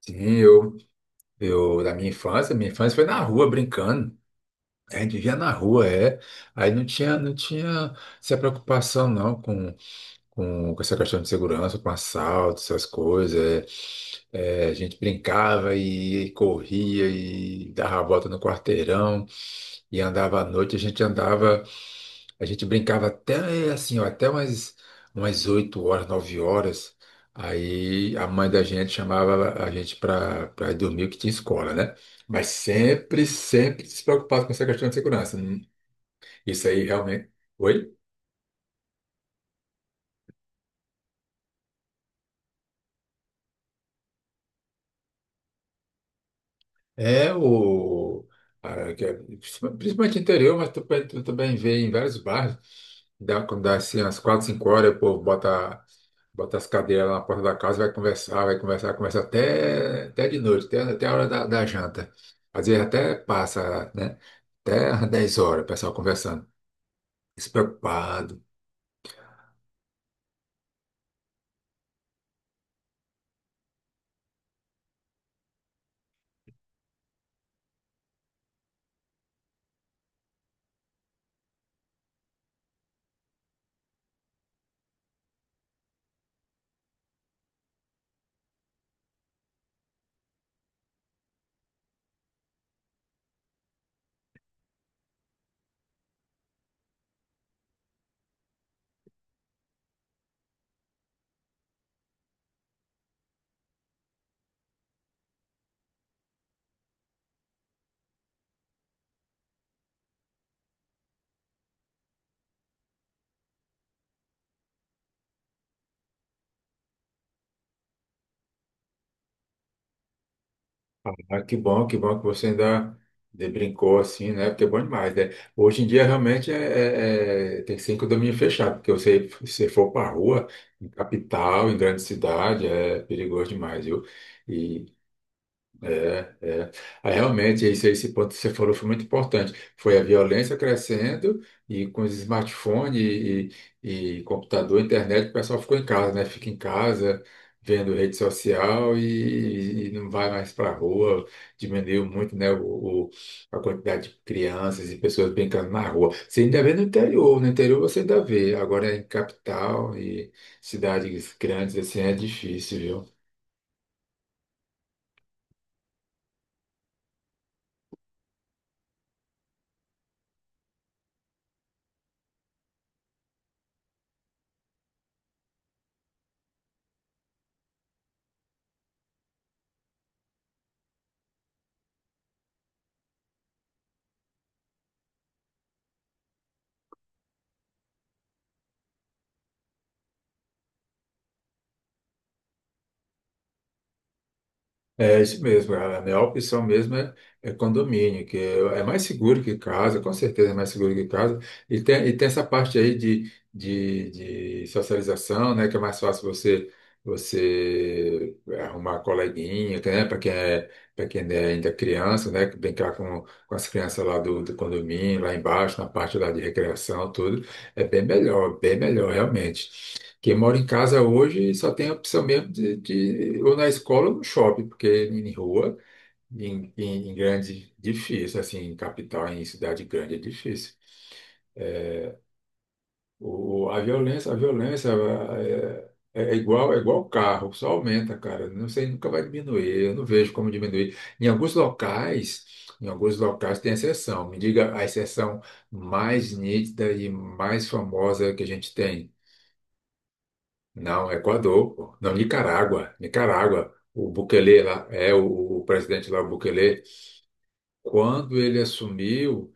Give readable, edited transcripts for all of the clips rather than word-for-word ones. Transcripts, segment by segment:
Sim, eu, da minha infância foi na rua brincando. A gente vivia na rua, é. Aí não tinha essa preocupação não com essa questão de segurança, com assalto, essas coisas. A gente brincava e corria e dava a volta no quarteirão e andava à noite. A gente andava. A gente brincava até assim, ó, até umas 8 horas, 9 horas. Aí a mãe da gente chamava a gente para ir dormir, que tinha escola, né? Mas sempre, sempre se preocupava com essa questão de segurança. Hum. Isso aí realmente. Oi? É o. Principalmente interior, mas tu também vê em vários bairros. Dá, quando dá assim, às 4, 5 horas, o povo bota bota as cadeiras lá na porta da casa, vai conversar, conversa até de noite, até a hora da janta. Às vezes até passa, né? Até às 10 horas, o pessoal conversando, despreocupado. Ah, que bom, que bom que você ainda brincou assim, né? Porque é bom demais, né? Hoje em dia realmente tem que ser em condomínio fechado, porque você, se for para rua, em capital, em grande cidade, é perigoso demais, viu? É. Aí, realmente, esse ponto que você falou foi muito importante. Foi a violência crescendo e com os smartphones e computador, internet, o pessoal ficou em casa, né? Fica em casa vendo rede social e não vai mais para a rua. Diminuiu muito, né, o- a quantidade de crianças e pessoas brincando na rua. Você ainda vê no interior, no interior você ainda vê. Agora em capital e cidades grandes, assim, é difícil, viu? É isso mesmo, cara. A melhor opção mesmo é condomínio, que é mais seguro que casa, com certeza é mais seguro que casa. E tem essa parte aí de socialização, né, que é mais fácil você é, arrumar coleguinha, que, né, para quem é ainda criança, né, brincar com as crianças lá do condomínio, lá embaixo, na parte lá de recreação, tudo, é bem melhor realmente. Quem mora em casa hoje só tem a opção mesmo de ou na escola ou no shopping, porque em rua, em grande, difícil, assim, em capital, em cidade grande é difícil. É. A violência, a violência é igual carro, só aumenta, cara. Não sei, nunca vai diminuir. Eu não vejo como diminuir. Em alguns locais tem exceção. Me diga a exceção mais nítida e mais famosa que a gente tem. Não, Equador, pô. Não, Nicarágua, Nicarágua. O Bukele lá, é o presidente lá, o Bukele, quando ele assumiu,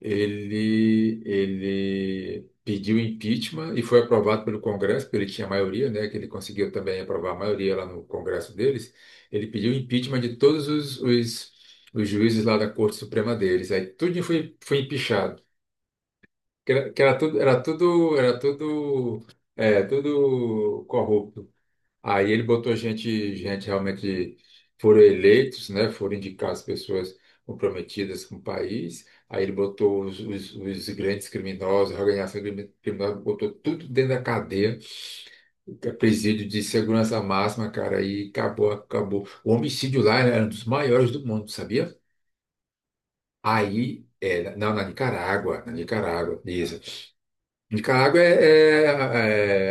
ele pediu impeachment e foi aprovado pelo Congresso, porque ele tinha maioria, né, que ele conseguiu também aprovar a maioria lá no Congresso deles. Ele pediu impeachment de todos os juízes lá da Corte Suprema deles. Aí tudo foi empichado. Que era tudo, é, tudo corrupto. Aí ele botou gente, gente realmente foram eleitos, né? Foram indicar as pessoas comprometidas com o país. Aí ele botou os grandes criminosos, a organização criminosa, botou tudo dentro da cadeia, que é presídio de segurança máxima, cara. Aí acabou, acabou. O homicídio lá era um dos maiores do mundo, sabia? Aí, não, na Nicarágua, isso. Nicarágua é,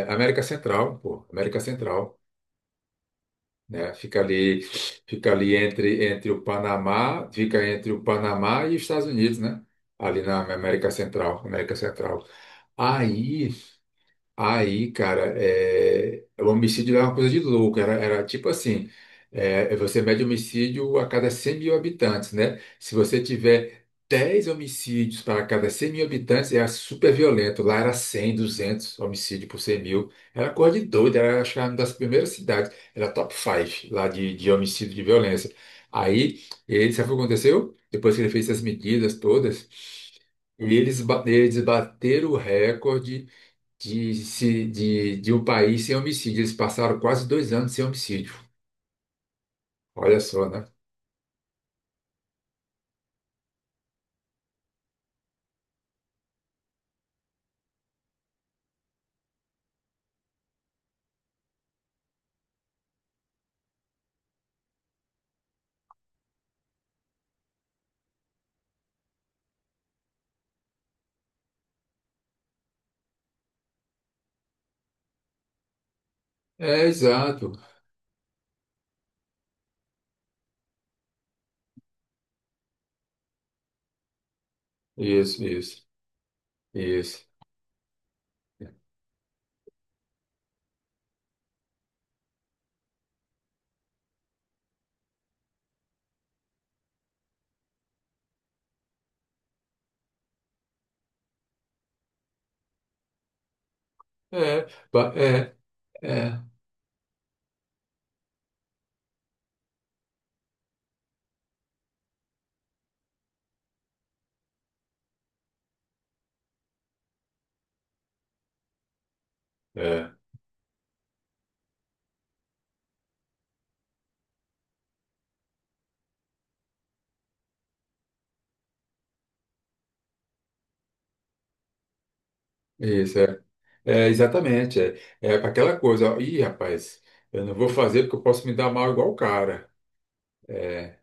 é, é América Central, pô, América Central. Né? Fica ali entre o Panamá, fica entre o Panamá e os Estados Unidos, né? Ali na América Central, América Central. Aí Aí, cara, o homicídio era uma coisa de louco. Era tipo assim: você mede homicídio a cada 100 mil habitantes, né? Se você tiver 10 homicídios para cada 100 mil habitantes, era super violento. Lá era 100, 200 homicídios por 100 mil. Era coisa de doido. Acho que era uma das primeiras cidades. Era top 5 lá de homicídio de violência. Aí, ele, sabe o que aconteceu? Depois que ele fez essas medidas todas. E eles bateram o recorde de, se- de um país sem homicídio. Eles passaram quase 2 anos sem homicídio. Olha só, né? É, exato. Isso, isso, isso. É, ba- é, é, é, isso, é. É, exatamente. É aquela coisa, ó, ih, rapaz, eu não vou fazer porque eu posso me dar mal igual o cara. É,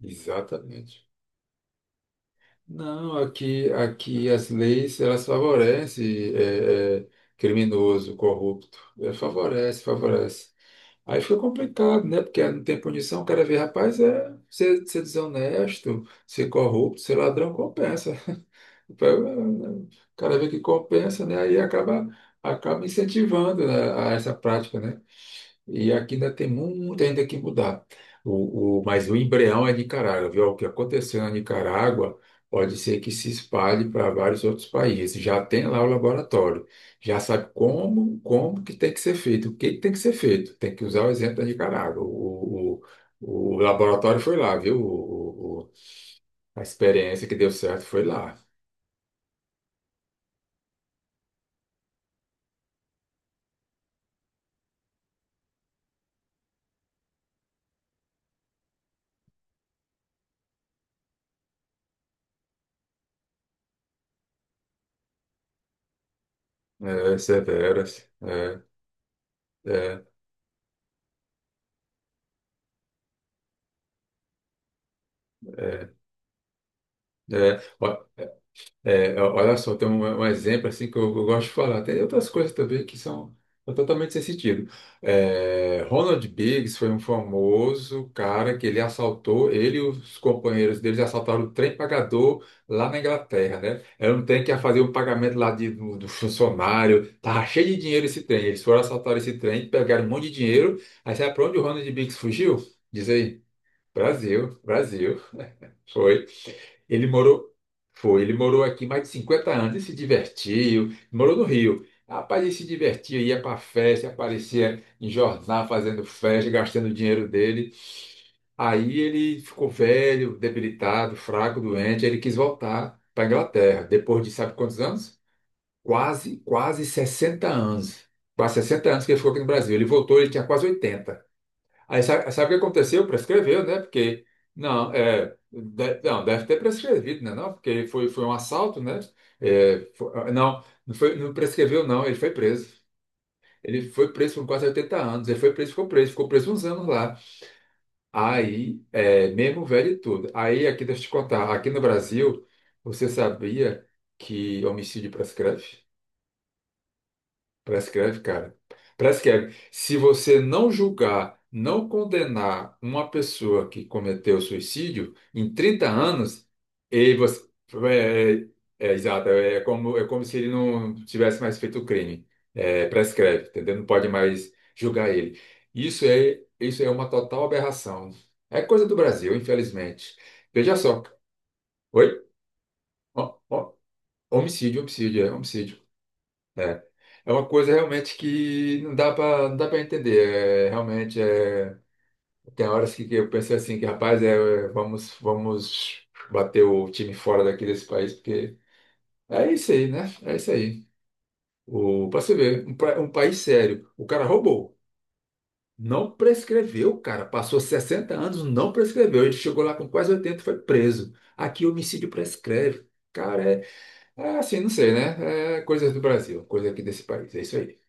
exatamente. Não, aqui, aqui as leis elas favorecem é, criminoso, corrupto. É, favorece, favorece. Aí fica complicado, né? Porque não tem punição, o cara vê, rapaz, é ser desonesto, ser corrupto, ser ladrão, compensa. O cara vê que compensa, né? Aí acaba incentivando, né, a essa prática, né? E aqui ainda tem muito ainda que mudar. Mas o embrião é Nicarágua, viu? O que aconteceu na Nicarágua pode ser que se espalhe para vários outros países. Já tem lá o laboratório, já sabe como que tem que ser feito, o que que tem que ser feito. Tem que usar o exemplo da Nicarágua. O laboratório foi lá, viu? A experiência que deu certo foi lá. É, severas. É, Ó. Olha só, tem um exemplo assim que eu gosto de falar. Tem outras coisas também que são totalmente sem sentido. É, Ronald Biggs foi um famoso cara que ele assaltou, ele e os companheiros deles assaltaram o trem pagador lá na Inglaterra, né? Era um trem que ia fazer um pagamento lá do funcionário, tava cheio de dinheiro esse trem. Eles foram assaltar esse trem, pegaram um monte de dinheiro. Aí sabe pra onde o Ronald Biggs fugiu? Diz aí, Brasil, Brasil. Foi. Ele morou, ele morou aqui mais de 50 anos e se divertiu. Morou no Rio. Rapaz, ele se divertia, ia para festa, aparecia em jornal fazendo festa, gastando o dinheiro dele. Aí ele ficou velho, debilitado, fraco, doente. Ele quis voltar para Inglaterra, depois de sabe quantos anos? Quase 60 anos. Quase 60 anos que ele ficou aqui no Brasil. Ele voltou, ele tinha quase 80. Aí sabe o que aconteceu? Prescreveu, né? Porque, não, não, deve ter prescrevido, né? Não, porque foi um assalto, né? Ah, não, não, foi, não prescreveu, não. Ele foi preso. Ele foi preso por quase 80 anos. Ele foi preso, ficou preso uns anos lá. Aí, mesmo velho e tudo. Aí, aqui, deixa eu te contar, aqui no Brasil, você sabia que homicídio prescreve? Prescreve, cara. Prescreve. Se você não julgar, não condenar uma pessoa que cometeu suicídio em 30 anos, ele você. É, é, exato, é como se ele não tivesse mais feito o crime. É, prescreve, entendeu? Não pode mais julgar ele. Isso é uma total aberração. É coisa do Brasil, infelizmente. Veja só. Oi? Ho- ho- é homicídio. É. É uma coisa realmente que não dá para entender. É, realmente tem horas que eu pensei assim que rapaz, vamos bater o time fora daqui desse país porque é isso aí, né? É isso aí. O Para você ver, um país sério, o cara roubou, não prescreveu, cara, passou 60 anos, não prescreveu, ele chegou lá com quase 80 e foi preso. Aqui homicídio prescreve. Cara, é assim, não sei, né? É coisas do Brasil, coisa aqui desse país. É isso aí.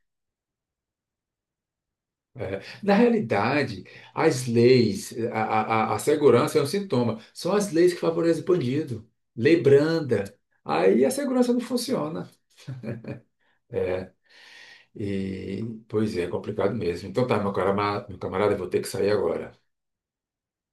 É. Na realidade, as leis, a segurança é um sintoma, são as leis que favorecem o bandido. Lei branda. Aí a segurança não funciona. É. E, Pois é, é complicado mesmo. Então tá, meu cara, meu camarada, eu vou ter que sair agora.